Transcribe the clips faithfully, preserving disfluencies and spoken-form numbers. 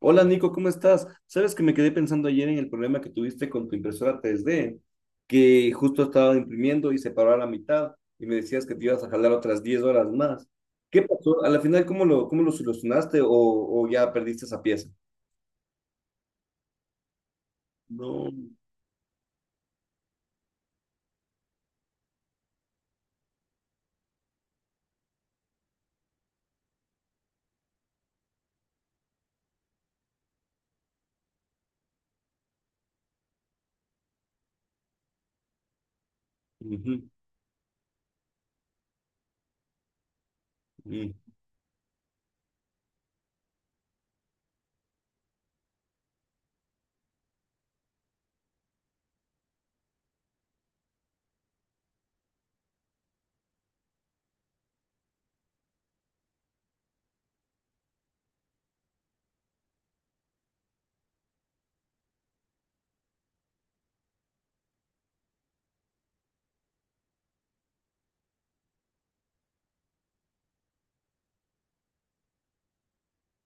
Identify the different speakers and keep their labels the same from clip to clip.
Speaker 1: Hola Nico, ¿cómo estás? Sabes que me quedé pensando ayer en el problema que tuviste con tu impresora tres D, que justo estaba imprimiendo y se paró a la mitad y me decías que te ibas a jalar otras diez horas más. ¿Qué pasó? A la final, ¿cómo lo, cómo lo solucionaste o, o ya perdiste esa pieza? No. Ujú, mm,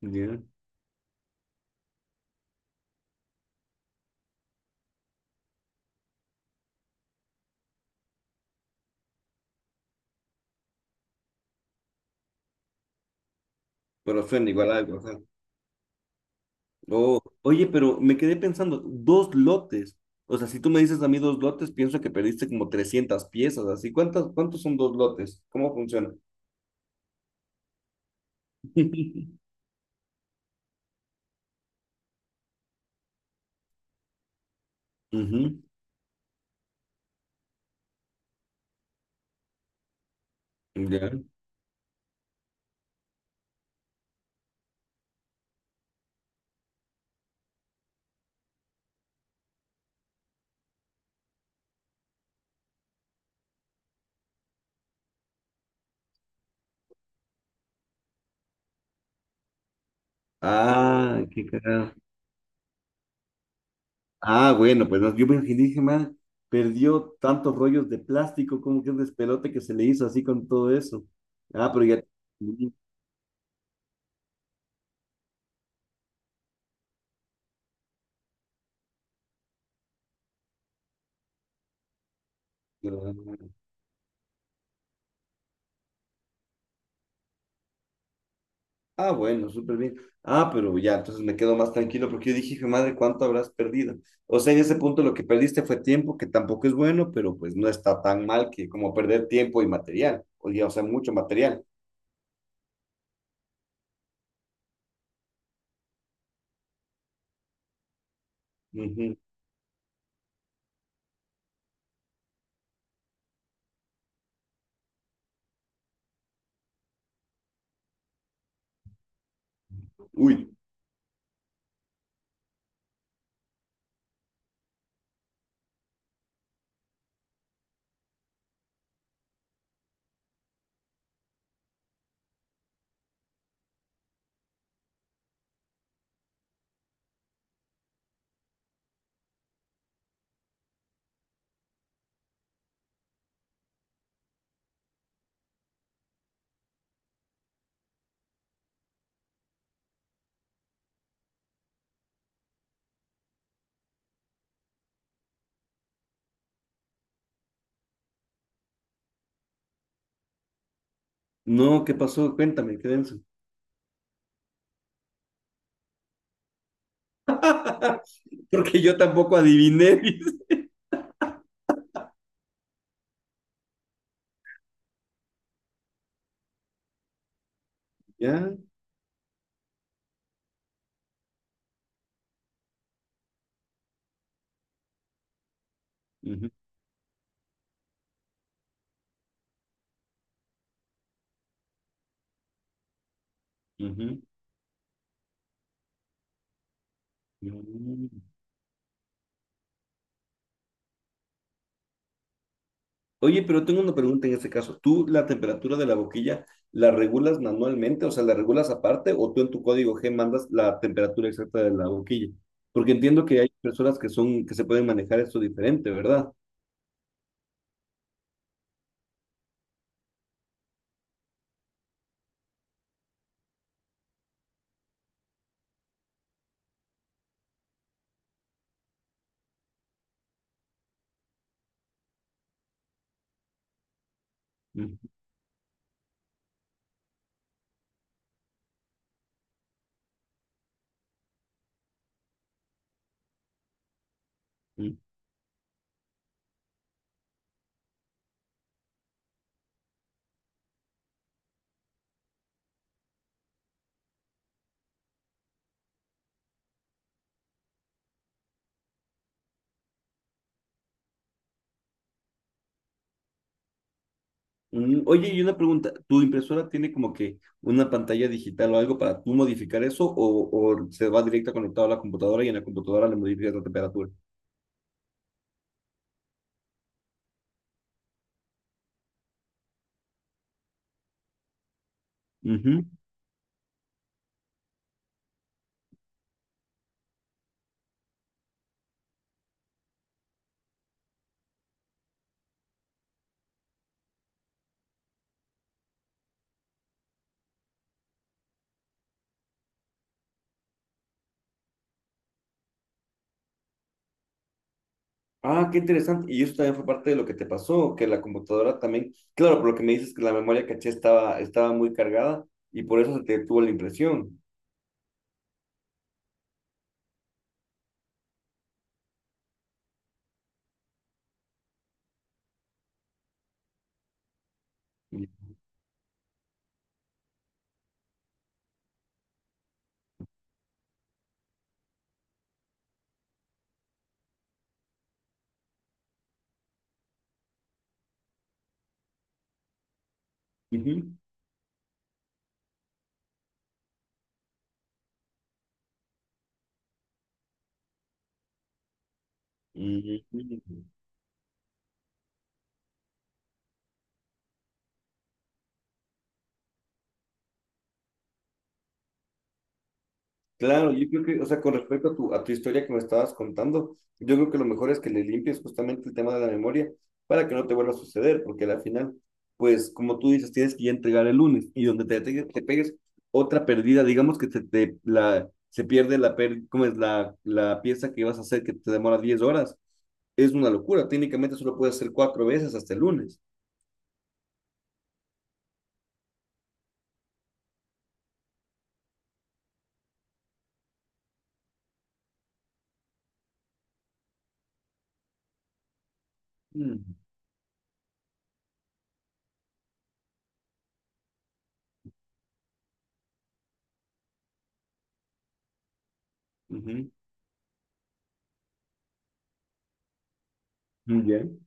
Speaker 1: ya. Pero suena igual a algo. Ajá. Oh, oye, pero me quedé pensando, dos lotes. O sea, si tú me dices a mí dos lotes, pienso que perdiste como trescientas piezas. Así, ¿cuántas, cuántos son dos lotes? ¿Cómo funciona? Ujú, ya. Ah, qué cagado. Ah, bueno, pues no, yo me imaginé, dije, man, perdió tantos rollos de plástico, como que un despelote que se le hizo así con todo eso. Ah, pero ya. Mm, claro. Ah, bueno, súper bien. Ah, pero ya, entonces me quedo más tranquilo porque yo dije, hijo de madre, ¿cuánto habrás perdido? O sea, en ese punto lo que perdiste fue tiempo, que tampoco es bueno, pero pues no está tan mal que como perder tiempo y material, o ya, o sea, mucho material. Ujú. Uy, no, ¿qué pasó? Cuéntame, qué denso. Porque yo tampoco adiviné. Ya. Ujú, ujú, ujú. Oye, pero tengo una pregunta en este caso. ¿Tú la temperatura de la boquilla la regulas manualmente? O sea, ¿la regulas aparte o tú en tu código G mandas la temperatura exacta de la boquilla? Porque entiendo que hay personas que son, que se pueden manejar esto diferente, ¿verdad? Ujú, ujú. Mm, Oye, y una pregunta, ¿tu impresora tiene como que una pantalla digital o algo para tú modificar eso o, o se va directo conectado a la computadora y en la computadora le modificas la temperatura? Ujú. Ah, qué interesante. Y eso también fue parte de lo que te pasó, que la computadora también, claro, por lo que me dices que la memoria caché estaba, estaba muy cargada y por eso se te tuvo la impresión. Ujú. Ujú. Claro, yo creo que, o sea, con respecto a tu, a tu historia que me estabas contando, yo creo que lo mejor es que le limpies justamente el tema de la memoria para que no te vuelva a suceder, porque al final, pues, como tú dices, tienes que ya entregar el lunes y donde te, te- te pegues otra pérdida, digamos que se, te, la, se pierde la, per- ¿cómo es? La, la pieza que vas a hacer que te demora diez horas, es una locura. Técnicamente solo puedes hacer cuatro veces hasta el lunes. Mm, ujú, muy bien,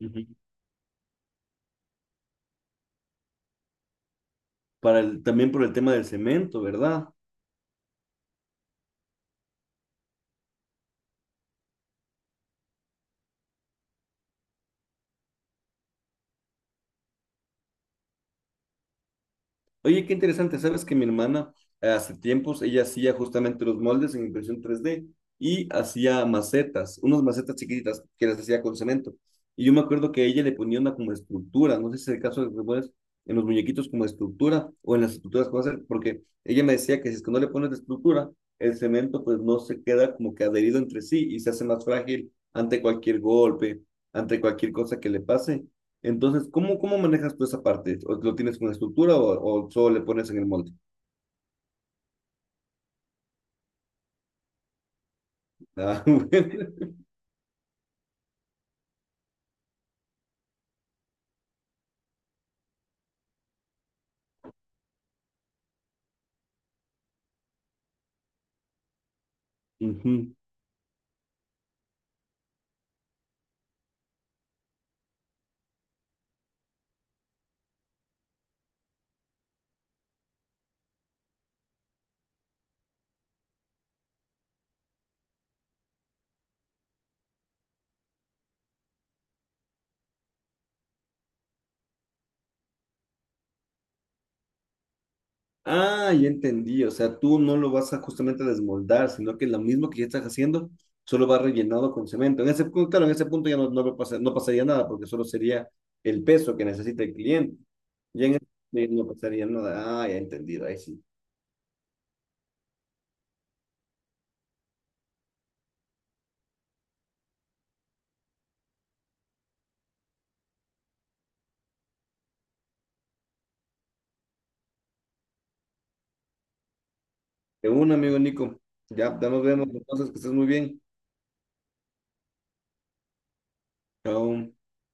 Speaker 1: ujú. Para el, también por el tema del cemento, ¿verdad? Oye, qué interesante, sabes que mi hermana eh, hace tiempos, ella hacía justamente los moldes en impresión tres d y hacía macetas, unas macetas chiquititas que las hacía con cemento. Y yo me acuerdo que ella le ponía una como estructura, no sé si es el caso de los muñecos, en los muñequitos como estructura o en las estructuras que vas a hacer, porque ella me decía que si es que no le pones la estructura, el cemento pues no se queda como que adherido entre sí y se hace más frágil ante cualquier golpe, ante cualquier cosa que le pase. Entonces, ¿cómo, cómo manejas tú esa parte? ¿O lo tienes con estructura o, o solo le pones en el molde? Ah, bueno. Ujú. Ah, ya entendí. O sea, tú no lo vas a justamente desmoldar, sino que lo mismo que ya estás haciendo, solo va rellenado con cemento. En ese, pu- claro, en ese punto ya no, no, lo pasa- no pasaría nada, porque solo sería el peso que necesita el cliente. Ya en ese no pasaría nada. Ah, ya entendido. Ahí sí. De un amigo Nico. Ya, ya nos vemos. Entonces, que estés muy bien. Chao.